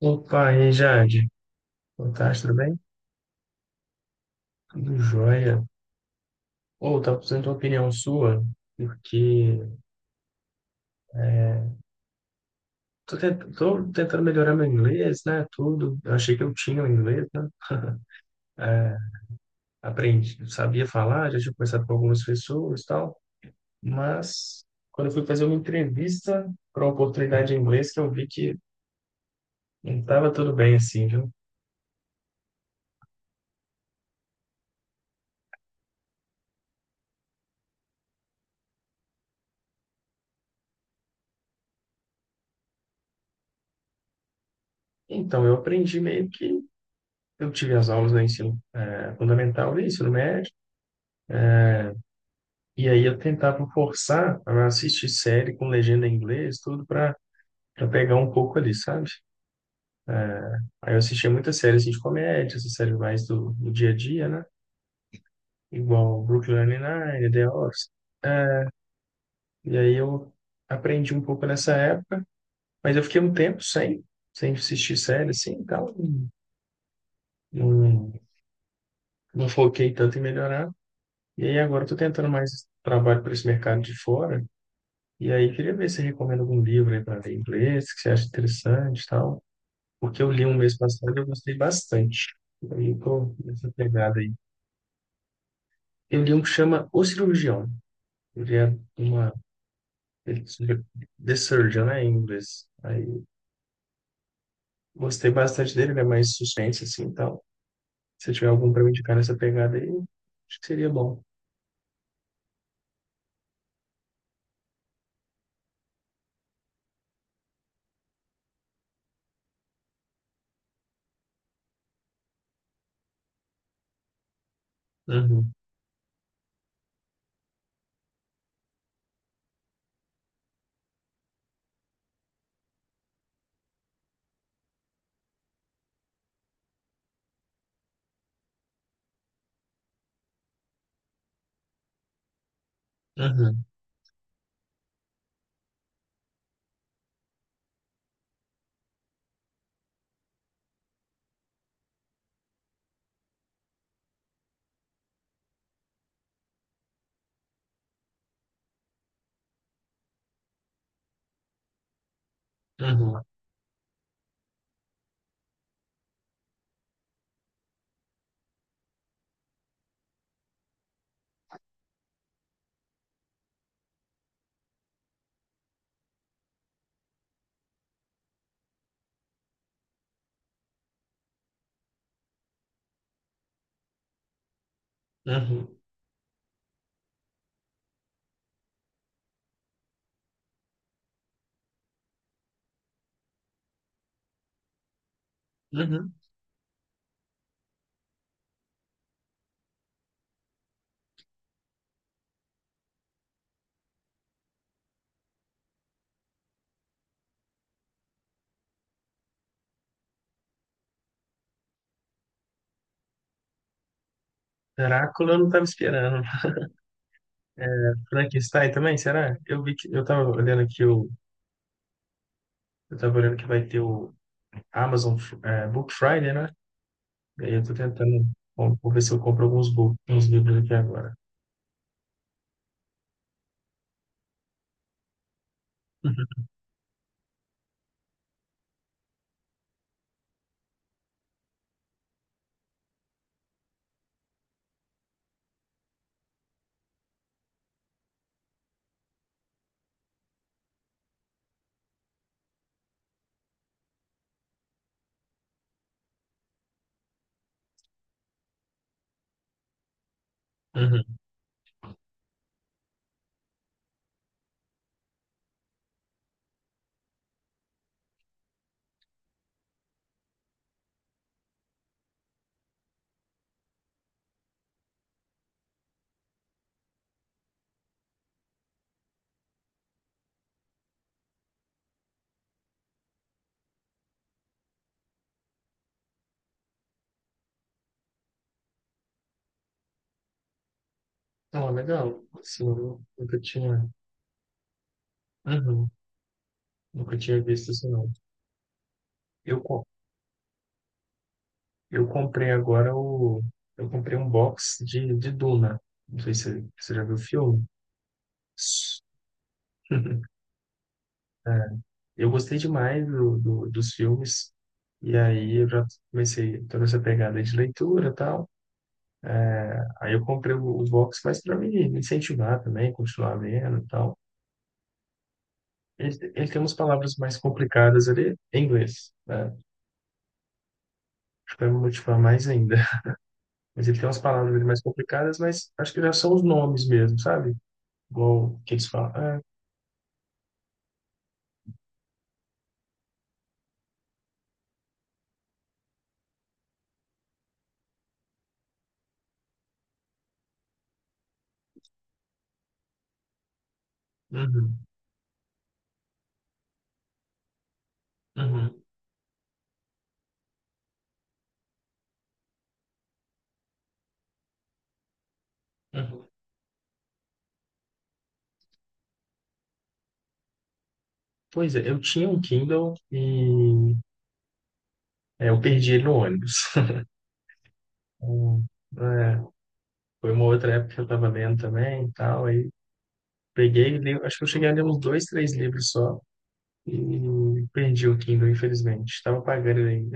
Opa, e aí, Jade? Boa tarde, tudo bem? Tudo jóia. Ou, tá precisando de uma opinião sua, porque é, tô tentando melhorar meu inglês, né? Tudo. Eu achei que eu tinha o inglês, né? É, aprendi, sabia falar, já tinha conversado com algumas pessoas e tal, mas quando eu fui fazer uma entrevista para uma oportunidade em inglês, que eu vi que não estava tudo bem assim, viu? Então, eu aprendi meio que. Eu tive as aulas do ensino, fundamental e ensino médio. E aí eu tentava forçar a assistir série com legenda em inglês, tudo para pegar um pouco ali, sabe? Aí eu assistia muita série assim, de comédia, essa série mais do dia a dia, né? Igual Brooklyn Nine-Nine, The Office. É, E aí eu aprendi um pouco nessa época, mas eu fiquei um tempo sem assistir série, assim, então não, não foquei tanto em melhorar. E aí agora eu tô tentando mais trabalho para esse mercado de fora, e aí queria ver se você recomenda algum livro aí para ler em inglês, que você acha interessante e tal. O que eu li um mês passado e eu gostei bastante. Aí eu tô nessa pegada aí. Eu li um que chama O Cirurgião. Ele é uma... Ele, The Surgeon, né, em inglês. Aí gostei bastante dele, ele é mais suspense, assim, então. Se tiver algum pra me indicar nessa pegada aí, acho que seria bom. Uhum, uhum, uhum, uhum, uhum. Drácula eu não tava esperando. É, Frankenstein também, será? Eu vi que... Eu tava olhando aqui o... Eu tava olhando que vai ter o Amazon Book Friday, né? E aí eu tô tentando, bom, vou ver se eu compro uns livros aqui agora. Uhum. Uhum. Não, é legal. Assim, eu nunca tinha, uhum. Nunca tinha visto isso não. Eu, co- eu comprei agora o, eu comprei um box de Duna. Não sei se você já viu o filme. S- É, eu gostei demais dos filmes. E aí eu já comecei toda essa pegada de leitura e tal. Aí eu comprei o box mais para me incentivar também, continuar vendo e tal. Ele tem umas palavras mais complicadas ali em inglês, né? Acho que vai me motivar mais ainda. Mas ele tem umas palavras ali mais complicadas, mas acho que já são os nomes mesmo, sabe? Igual que eles falam. Ah, uhum, uhum, uhum. Pois é, eu tinha um Kindle e eu perdi ele no ônibus. Hum, é, foi uma outra época que eu estava lendo também e tal, aí peguei, e li, acho que eu cheguei a ler uns dois, três livros só e perdi o Kindle, infelizmente. Estava pagando ele.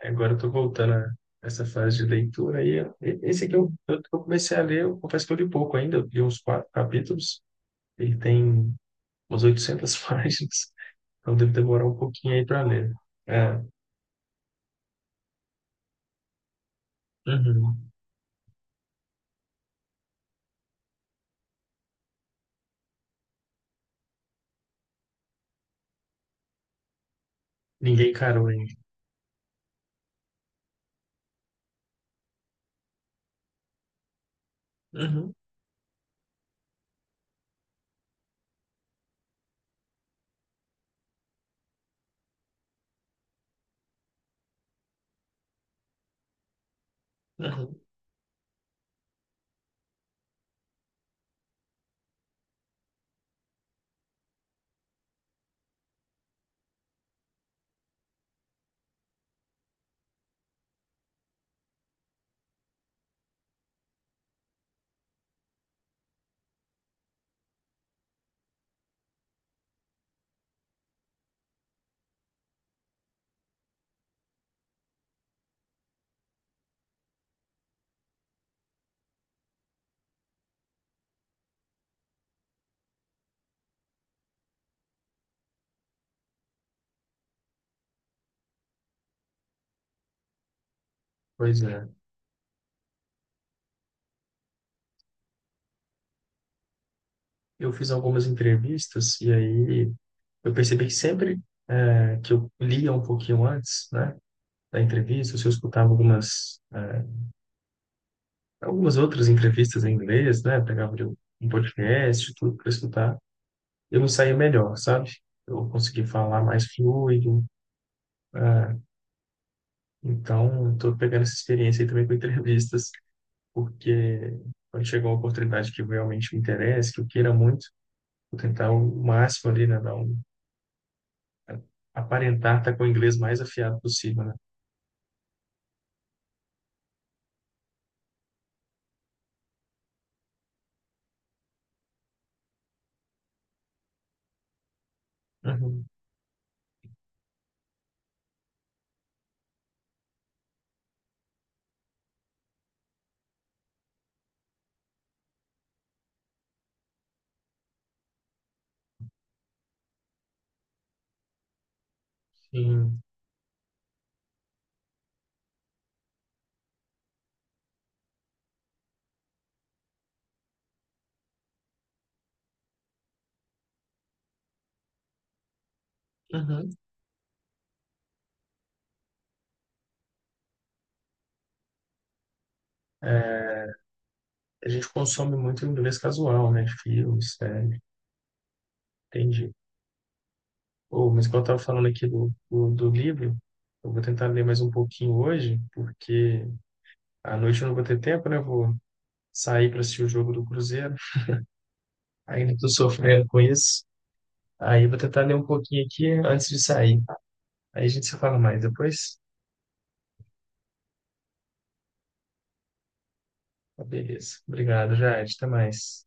Agora eu tô voltando a essa fase de leitura aí. Ó. Esse aqui eu comecei a ler, eu confesso que eu li pouco ainda, eu li uns quatro capítulos, ele tem umas 800 páginas, então deve demorar um pouquinho aí para ler. É, uhum. Ninguém encarou ainda. Uhum, uhum. Pois é. Eu fiz algumas entrevistas e aí eu percebi que sempre que eu lia um pouquinho antes, né, da entrevista, se eu escutava algumas outras entrevistas em inglês, né? Pegava de um podcast, tudo para escutar. Eu não saía melhor, sabe? Eu consegui falar mais fluido. Ah, então, estou pegando essa experiência aí também com entrevistas, porque quando chega uma oportunidade que realmente me interessa, que eu queira muito, vou tentar o máximo ali, né? Dar um, aparentar estar com o inglês mais afiado possível, né? Uhum, sim. Uhum. A gente consome muito inglês casual, né? Filmes, séries, entendi. Oh, mas quando eu estava falando aqui do livro, eu vou tentar ler mais um pouquinho hoje, porque à noite eu não vou ter tempo, né? Eu vou sair para assistir o jogo do Cruzeiro. Ainda estou sofrendo com isso. Aí eu vou tentar ler um pouquinho aqui antes de sair. Aí a gente se fala mais depois. Tá, beleza. Obrigado, Jade. Até mais.